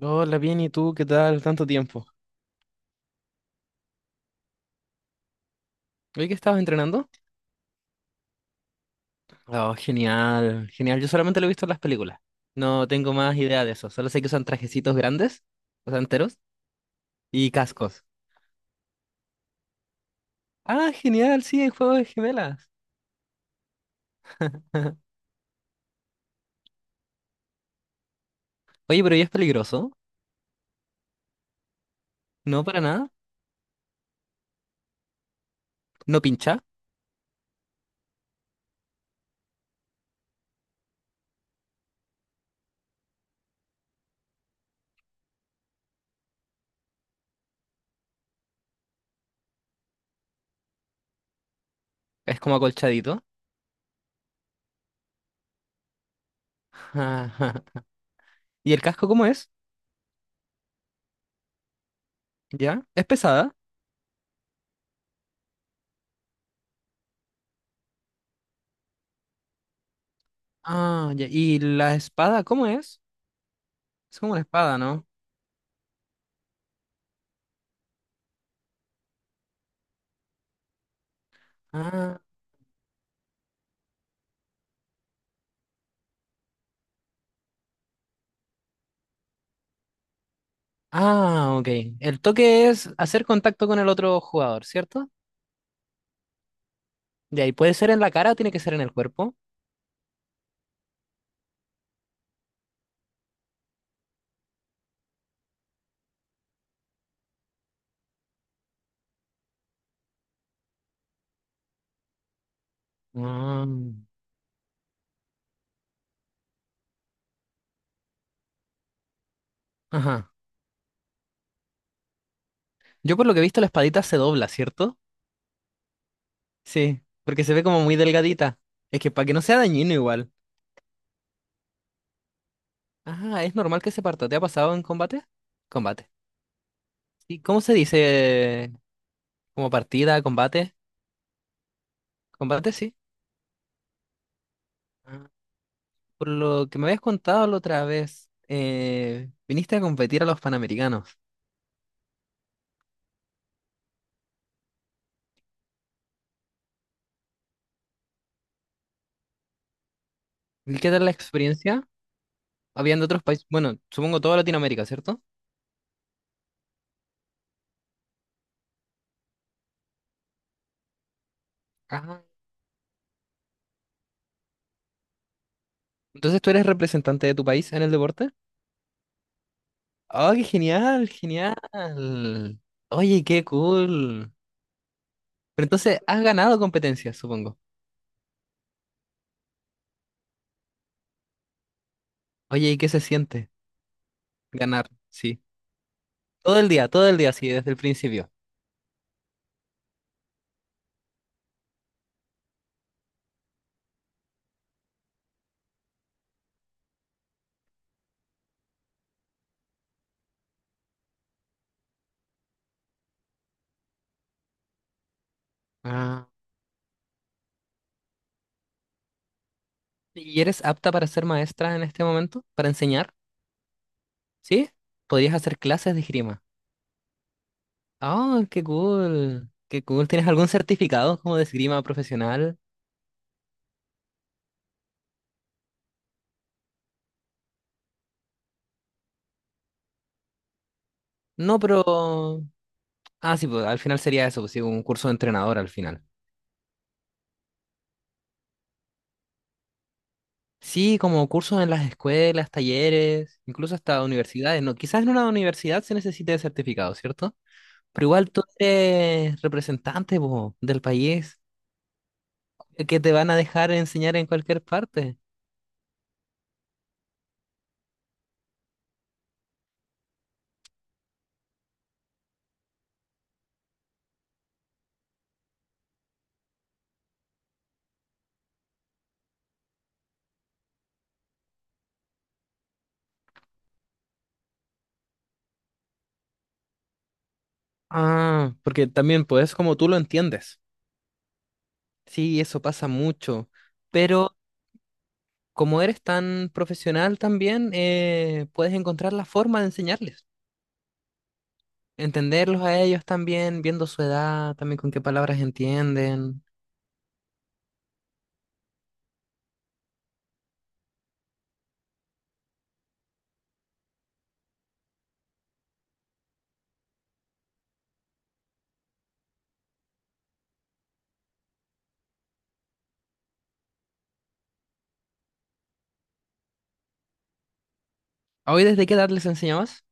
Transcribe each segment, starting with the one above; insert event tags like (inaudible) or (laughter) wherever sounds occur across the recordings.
Hola, bien, ¿y tú? ¿Qué tal? Tanto tiempo. ¿Hoy que estabas entrenando? Oh, genial, genial. Yo solamente lo he visto en las películas. No tengo más idea de eso. Solo sé que usan trajecitos grandes, o sea, enteros, y cascos. Ah, genial, sí, en Juego de Gemelas. (laughs) Oye, pero ¿y es peligroso? No, para nada. No pincha. Es como acolchadito. (laughs) Ajá. ¿Y el casco cómo es? ¿Ya? ¿Es pesada? Ah, ya. ¿Y la espada cómo es? Es como una espada, ¿no? Ah. Ah, ok. El toque es hacer contacto con el otro jugador, ¿cierto? De ahí puede ser en la cara o tiene que ser en el cuerpo. Ah, ajá. Yo por lo que he visto la espadita se dobla, ¿cierto? Sí, porque se ve como muy delgadita. Es que para que no sea dañino igual. Ah, es normal que se parta. ¿Te ha pasado en combate? Combate. ¿Y cómo se dice? ¿Como partida, combate? Combate, sí. Ah, por lo que me habías contado la otra vez, viniste a competir a los Panamericanos. ¿Y qué tal la experiencia? Habían de otros países, bueno, supongo toda Latinoamérica, ¿cierto? Ajá. Entonces tú eres representante de tu país en el deporte. ¡Oh, qué genial, genial! Oye, qué cool. Pero entonces has ganado competencias, supongo. Oye, ¿y qué se siente ganar? Sí. Todo el día, sí, desde el principio. Ah. ¿Y eres apta para ser maestra en este momento? ¿Para enseñar? ¿Sí? Podrías hacer clases de esgrima. ¡Oh, qué cool! ¡Qué cool! ¿Tienes algún certificado como de esgrima profesional? No, pero. Ah, sí, pues al final sería eso, pues, sí, un curso de entrenador al final. Sí, como cursos en las escuelas, talleres, incluso hasta universidades. No, quizás en una universidad se necesite de certificado, ¿cierto? Pero igual tú eres representante, po, del país, que te van a dejar enseñar en cualquier parte. Ah, porque también, pues, es como tú lo entiendes. Sí, eso pasa mucho. Pero como eres tan profesional también, puedes encontrar la forma de enseñarles. Entenderlos a ellos también, viendo su edad, también con qué palabras entienden. ¿A ¿Hoy desde qué edad les enseñabas?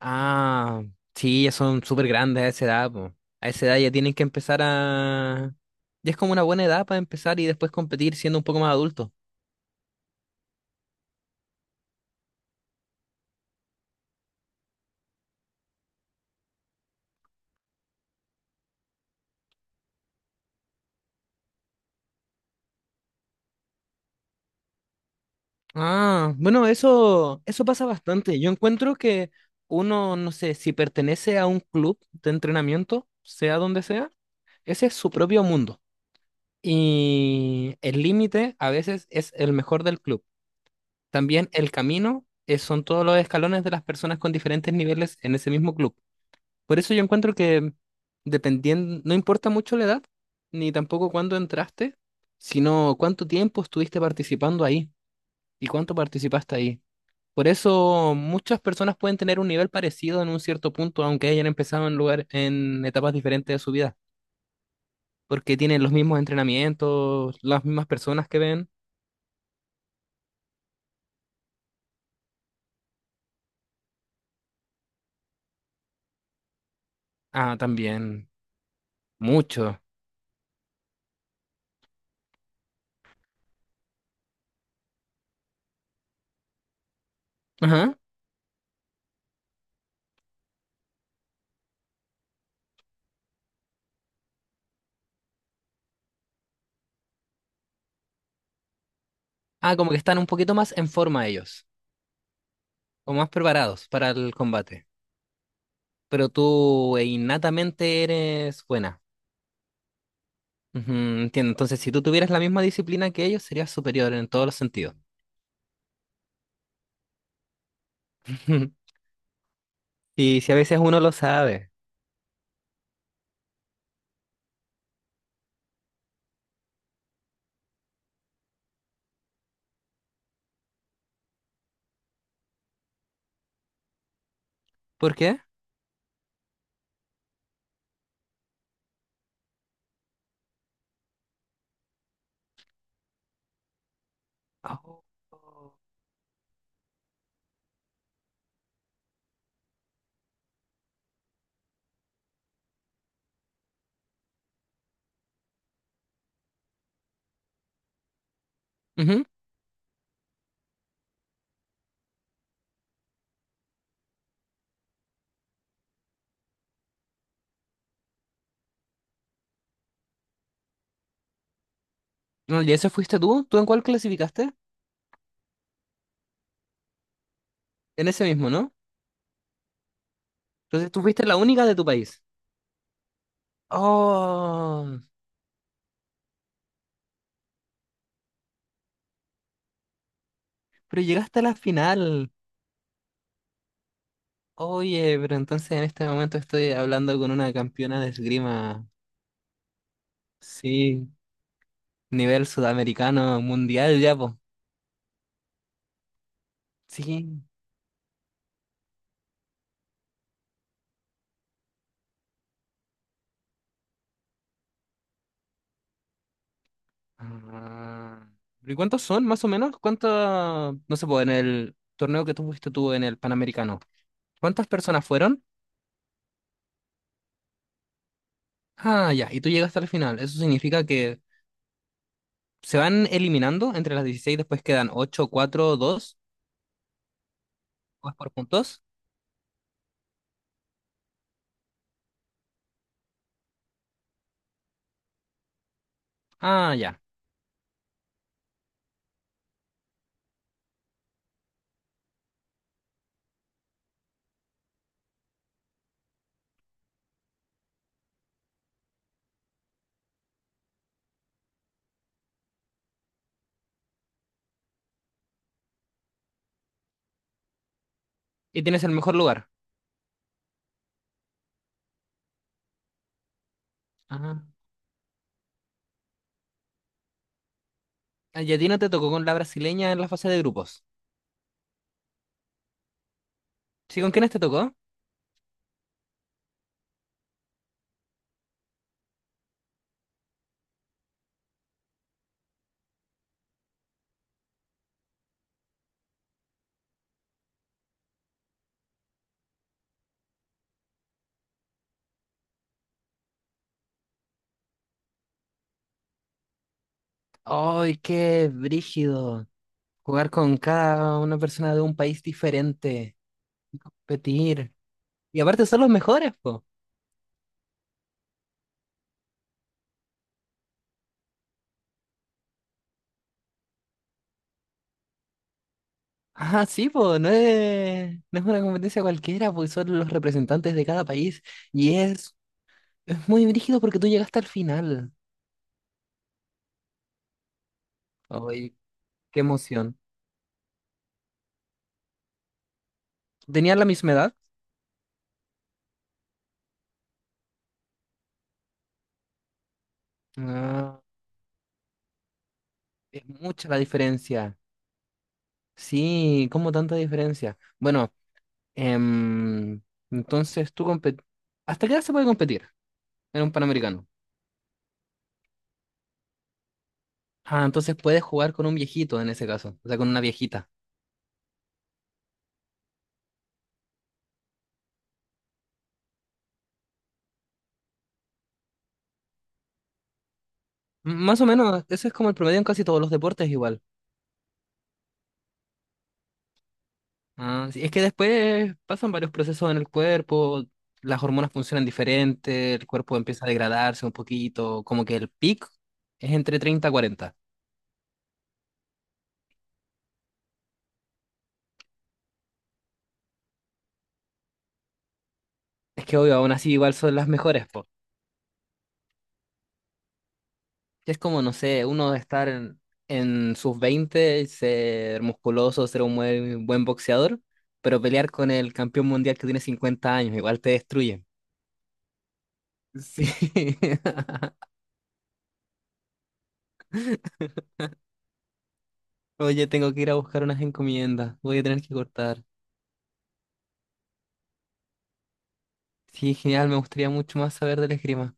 Ah, sí, ya son súper grandes a esa edad, po. A esa edad ya tienen que empezar a. Ya es como una buena edad para empezar y después competir siendo un poco más adulto. Ah, bueno, eso pasa bastante. Yo encuentro que uno, no sé, si pertenece a un club de entrenamiento, sea donde sea, ese es su propio mundo. Y el límite a veces es el mejor del club. También el camino son todos los escalones de las personas con diferentes niveles en ese mismo club. Por eso yo encuentro que dependiendo, no importa mucho la edad, ni tampoco cuándo entraste, sino cuánto tiempo estuviste participando ahí y cuánto participaste ahí. Por eso muchas personas pueden tener un nivel parecido en un cierto punto, aunque hayan empezado en lugar, en etapas diferentes de su vida, porque tienen los mismos entrenamientos, las mismas personas que ven. Ah, también, mucho. Ajá. Ah, como que están un poquito más en forma ellos, o más preparados para el combate. Pero tú innatamente eres buena. Ujú, entiendo. Entonces, si tú tuvieras la misma disciplina que ellos, serías superior en todos los sentidos. (laughs) Y si a veces uno lo sabe. ¿Por qué? Oh. Ujú. No, ¿y eso fuiste tú? ¿Tú en cuál clasificaste? En ese mismo, ¿no? Entonces tú fuiste la única de tu país. Oh, pero llegaste a la final. Oye, pero entonces en este momento estoy hablando con una campeona de esgrima. Sí, nivel sudamericano, mundial ya, pues. Sí. Ah. ¿Y cuántos son, más o menos? ¿Cuántos, no sé, po, en el torneo que tú fuiste tú en el Panamericano? ¿Cuántas personas fueron? Ah, ya, y tú llegaste al final. Eso significa que se van eliminando entre las 16, después quedan 8, 4, 2, o es por puntos. Ah, ya. Y tienes el mejor lugar. Ah. Ah, y a ti no te tocó con la brasileña en la fase de grupos. ¿Sí, con quiénes te tocó? ¡Ay, qué brígido! Jugar con cada una persona de un país diferente y competir. Y aparte son los mejores, po. Ah, sí, pues, no es una competencia cualquiera, pues, son los representantes de cada país. Y es muy brígido porque tú llegaste al final. Ay, qué emoción. ¿Tenían la misma edad? Ah, es mucha la diferencia. Sí, ¿cómo tanta diferencia? Bueno, em, entonces tú competir. ¿Hasta qué edad se puede competir en un Panamericano? Ah, entonces puedes jugar con un viejito en ese caso, o sea, con una viejita. Más o menos, eso es como el promedio en casi todos los deportes igual. Ah, sí, es que después pasan varios procesos en el cuerpo, las hormonas funcionan diferente, el cuerpo empieza a degradarse un poquito, como que el pic es entre 30 y 40. Es que obvio, aún así igual son las mejores, po. Es como, no sé, uno de estar en, sus 20 y ser musculoso, ser un muy buen boxeador, pero pelear con el campeón mundial que tiene 50 años, igual te destruye. Sí. (laughs) Oye, tengo que ir a buscar unas encomiendas. Voy a tener que cortar. Sí, genial, me gustaría mucho más saber del esgrima.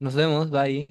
Nos vemos, bye.